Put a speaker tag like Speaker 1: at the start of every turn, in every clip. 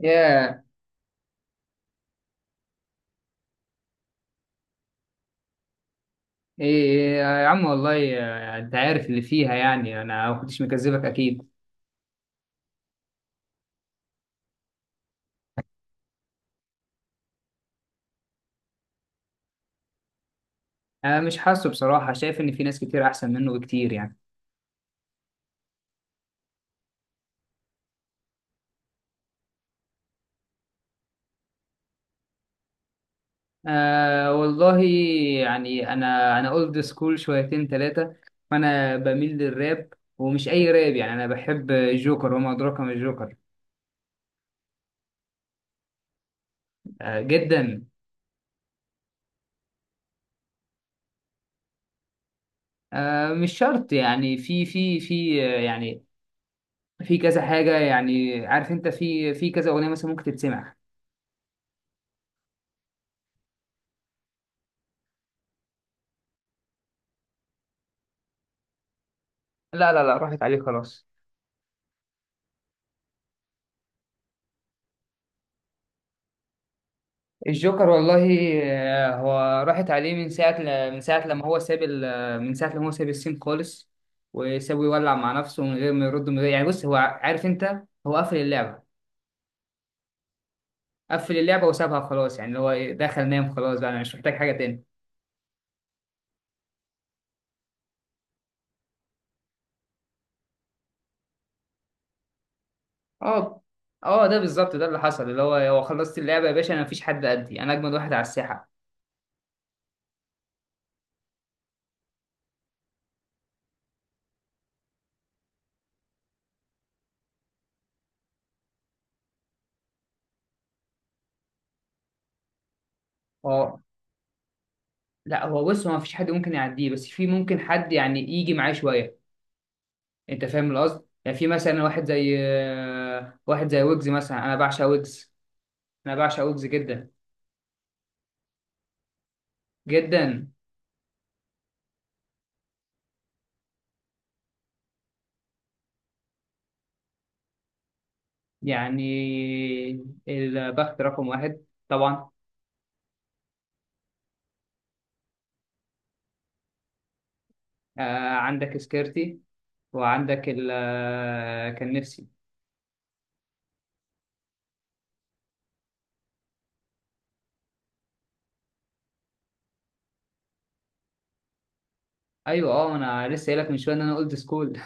Speaker 1: ياه. إيه إيه يا عم، والله. انت عارف اللي فيها، يعني انا ما كنتش مكذبك اكيد. انا مش حاسه بصراحه، شايف ان في ناس كتير احسن منه بكتير يعني. آه والله. يعني انا اولد سكول شويتين ثلاثه، فانا بميل للراب. ومش اي راب، يعني انا بحب الجوكر وما ادراك ما الجوكر. آه جدا. آه مش شرط، يعني في يعني في كذا حاجه، يعني عارف انت، في كذا اغنيه مثلا ممكن تتسمع. لا لا لا، راحت عليك خلاص. الجوكر والله. هو راحت عليه من ساعة لما هو ساب السين خالص. وسابه يولع مع نفسه من غير ما يرد، من غير يعني، بص هو عارف انت، هو قفل اللعبة. قفل اللعبة وسابها خلاص، يعني اللي هو دخل نام خلاص، بقى انا مش محتاج حاجة تاني. اه. اه ده بالظبط، ده اللي حصل، اللي هو خلصت اللعبة يا باشا، انا مفيش حد قدي، انا اجمد واحد على الساحة. اه، لا، هو بص، هو مفيش حد ممكن يعديه، بس في ممكن حد يعني يجي معاه شوية. انت فاهم القصد، يعني في مثلا واحد زي واحد زي ويجز مثلا، انا بعشق ويجز. انا بعشق ويجز جدا. جدا. يعني البخت رقم واحد، طبعا. آه، عندك سكيرتي، وعندك ال آه، كان نفسي. ايوه، اه انا لسه قايلك من شويه ان انا اولد سكول.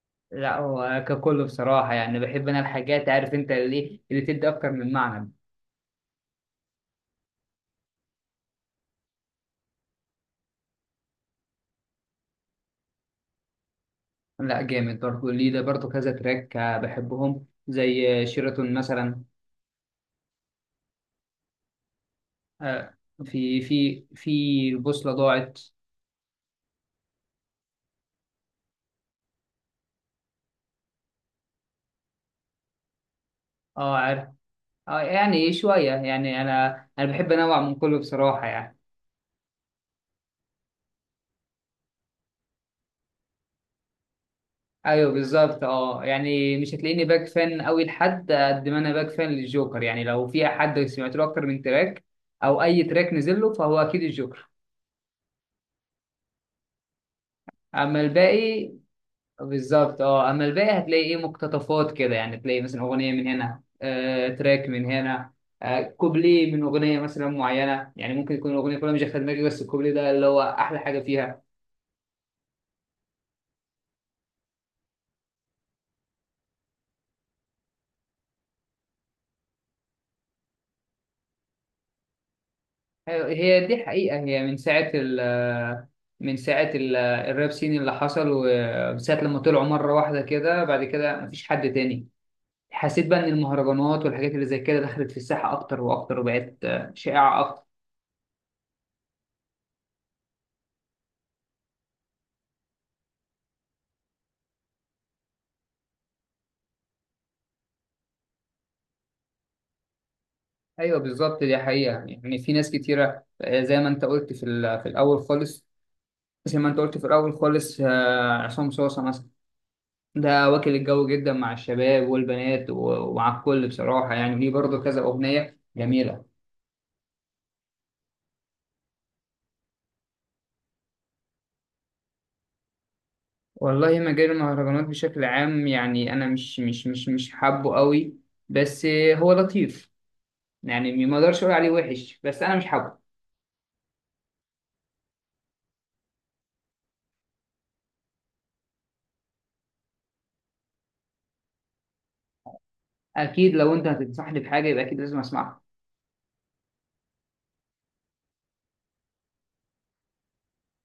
Speaker 1: لا، هو ككل بصراحه يعني، بحب انا الحاجات عارف انت اللي اللي تدي اكتر من معنى. لا جامد برضه، ليه ده برضه كذا تراك، بحبهم، زي شيراتون مثلا. آه، في بوصلة ضاعت. اه عارف. اه يعني شوية، يعني انا بحب انوع من كله بصراحة يعني. ايوه بالظبط، اه يعني مش هتلاقيني باك فان قوي لحد قد ما انا باك فان للجوكر، يعني لو في حد سمعت له اكتر من تراك او اي تراك نزل له فهو اكيد الجوكر. اما الباقي. بالظبط، اه اما الباقي هتلاقي ايه، مقتطفات كده، يعني تلاقي مثلا اغنيه من هنا، تراك من هنا، كوبليه من اغنيه مثلا معينه، يعني ممكن يكون الاغنيه كلها مش داخله دماغي بس الكوبليه ده اللي هو احلى حاجه فيها. هي دي حقيقه، هي من ساعه ال آه، من ساعه الراب سين اللي حصل، وساعه لما طلعوا مره واحده كده، بعد كده مفيش حد تاني. حسيت بقى ان المهرجانات والحاجات اللي زي كده دخلت في الساحه اكتر واكتر، وبقت شائعه اكتر. ايوه بالظبط، دي حقيقه، يعني في ناس كتيره، زي ما انت قلت في الاول خالص، زي ما انت قلت في الاول خالص، عصام صوصه مثلا. ده واكل الجو جدا مع الشباب والبنات ومع الكل بصراحه، يعني ليه برضه كذا اغنيه جميله. والله، مجال المهرجانات بشكل عام، يعني انا مش حابه قوي. بس هو لطيف، يعني ما اقدرش اقول عليه وحش، بس انا مش حابه. اكيد لو انت هتنصحني بحاجه يبقى اكيد لازم اسمعها.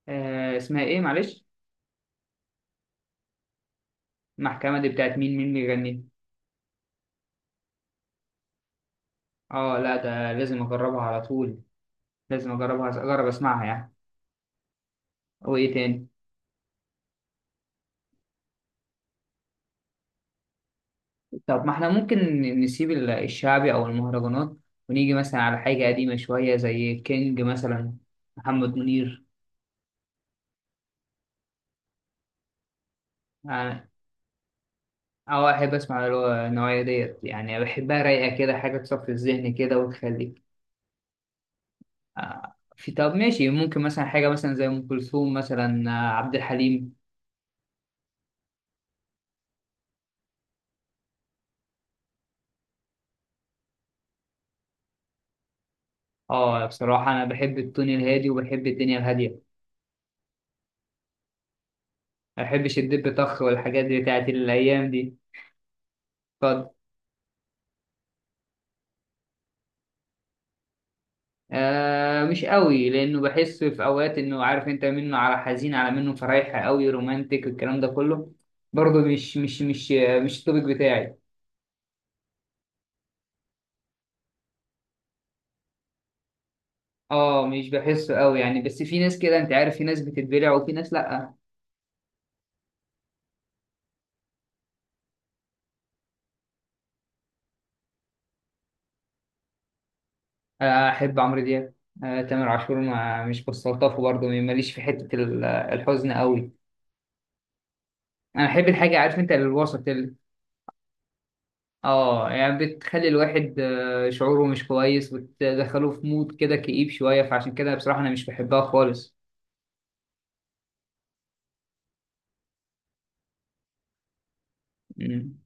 Speaker 1: اسمها ايه معلش. المحكمه دي بتاعت مين، مين بيغني؟ اه، لا ده لازم اجربها على طول. لازم اجربها، اجرب اسمعها يعني. وايه تاني. طب ما احنا ممكن نسيب الشعبي او المهرجانات، ونيجي مثلا على حاجة قديمة شوية زي كينج مثلا، محمد منير. يعني اه، احب اسمع اللي هو النوعية ديت، يعني بحبها رايقة كده، حاجة تصفي الذهن كده وتخليك. آه في، طب ماشي، ممكن مثلا حاجة مثلا زي ام كلثوم مثلا، عبد الحليم. اه بصراحة انا بحب التون الهادي وبحب الدنيا الهادية، ما بحبش الدب طخ والحاجات دي بتاعت الايام دي. اتفضل. آه مش قوي، لانه بحس في اوقات انه عارف انت منه على حزين على منه فرايحة قوي رومانتك الكلام ده كله، برضه مش التوبيك بتاعي. اه مش بحسه قوي يعني، بس في ناس كده انت عارف، في ناس بتتبلع وفي ناس لا. احب عمرو دياب. آه، تامر عاشور ما مش بستلطفه برضه، ماليش في حتة الحزن قوي، انا احب الحاجة عارف انت الوسط. اه يعني بتخلي الواحد شعوره مش كويس، بتدخله في مود كده كئيب شوية، فعشان كده بصراحة أنا مش بحبها خالص. مم.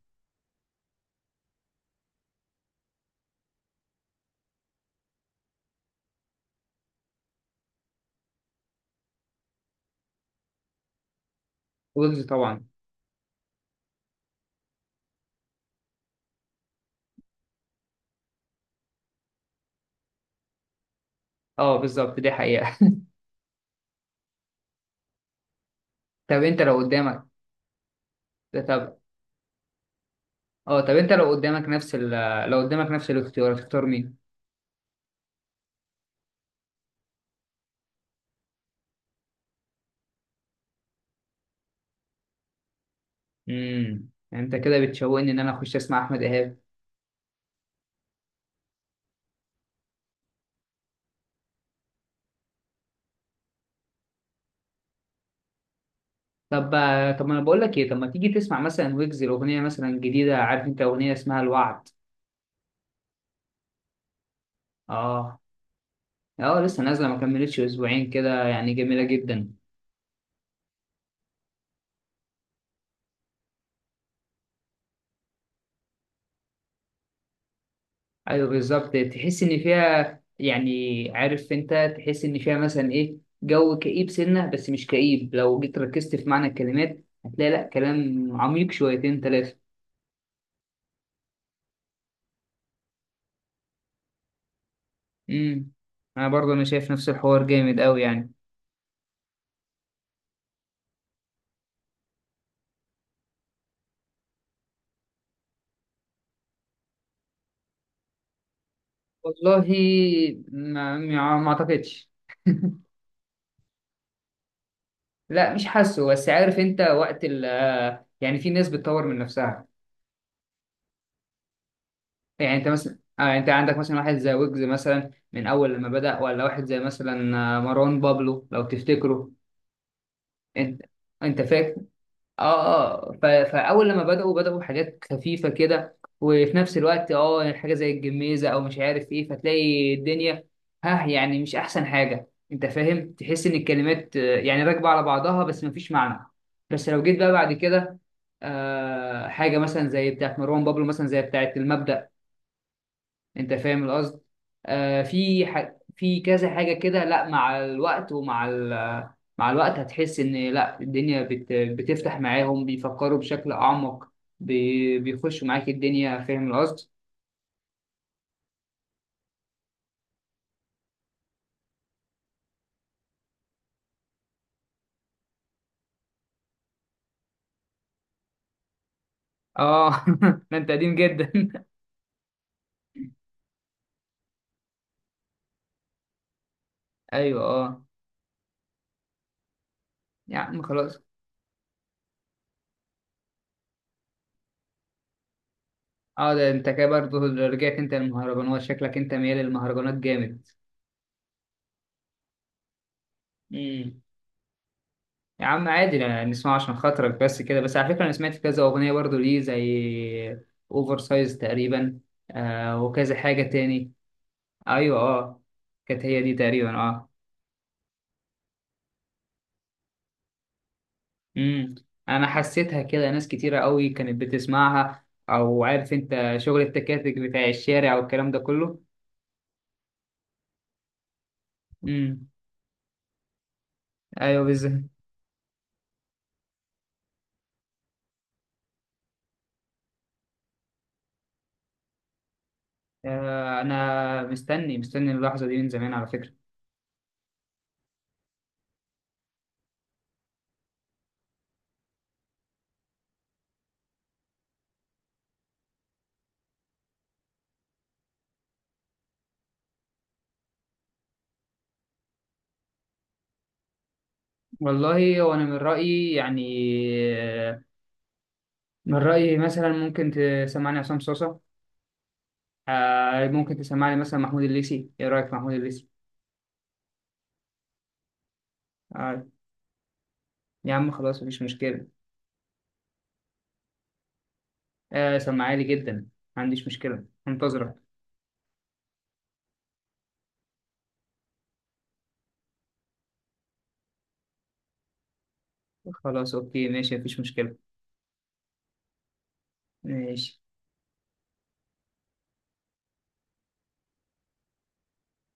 Speaker 1: ويجز طبعا. اه بالظبط دي حقيقة. طب أنت لو قدامك. ده طب، اه طب أنت لو قدامك نفس لو قدامك نفس الاختيار هتختار مين؟ أنت كده بتشوقني إن أنا أخش أسمع أحمد إيهاب. طب طب ما أنا بقول لك إيه، طب ما تيجي تسمع مثلا ويجز الأغنية مثلا جديدة، عارف أنت أغنية اسمها الوعد. اه. اه لسه نازلة ما كملتش أسبوعين كده، يعني جميلة جدا. ايوه بالظبط، تحس ان فيها، يعني عارف انت تحس ان فيها مثلا ايه، جو كئيب سنه بس مش كئيب، لو جيت ركزت في معنى الكلمات هتلاقي لا كلام عميق شويتين ثلاثه. امم. انا برضه، انا شايف نفس الحوار جامد قوي يعني. والله، ما اعتقدش. لا مش حاسه، بس عارف انت وقت ال آه، يعني في ناس بتطور من نفسها. يعني انت مثلا آه، انت عندك مثلا واحد زي ويجز مثلا من اول لما بدأ، ولا واحد زي مثلا مروان بابلو لو تفتكروا، انت انت فاكر؟ اه. اه فاول لما بداوا بحاجات خفيفه كده، وفي نفس الوقت اه يعني حاجه زي الجميزه او مش عارف ايه، فتلاقي الدنيا. ها يعني مش احسن حاجه، انت فاهم، تحس ان الكلمات يعني راكبه على بعضها بس مفيش معنى. بس لو جيت بقى بعد كده، آه، حاجه مثلا زي بتاعت مروان بابلو، مثلا زي بتاعت المبدأ، انت فاهم القصد. آه في كذا حاجه كده، لا مع الوقت ومع ال... مع الوقت هتحس ان لا، الدنيا بتفتح معاهم، بيفكروا بشكل اعمق، بيخشوا معاك الدنيا، فاهم القصد. اه. ده انت قديم جدا. ايوه اه، يا عم خلاص. اه ده انت كده برضه، رجعت انت المهرجانات، شكلك انت ميال للمهرجانات جامد. مم. يا عم عادي، نسمعه عشان خاطرك، بس كده، بس على فكرة أنا سمعت كذا أغنية برضو ليه زي أوفر سايز تقريبا، آه وكذا حاجة تاني. أيوة أه، كانت هي دي تقريبا، أه. امم. أنا حسيتها كده ناس كتيرة قوي كانت بتسمعها، أو عارف أنت شغل التكاتك بتاع الشارع والكلام ده كله. امم. أيوة بالظبط. آه أنا مستني مستني اللحظة دي من زمان على فكرة. والله، وأنا من رأيي يعني آه، من رأيي مثلا ممكن تسمعني عصام صوصة، آه ممكن تسمعني مثلا محمود الليثي. إيه رأيك في محمود الليثي؟ آه، يا عم خلاص مفيش مشكلة. آه سمعالي جدا، ما عنديش مشكلة انتظرك. خلاص أوكي ماشي مفيش مشكلة. ماشي.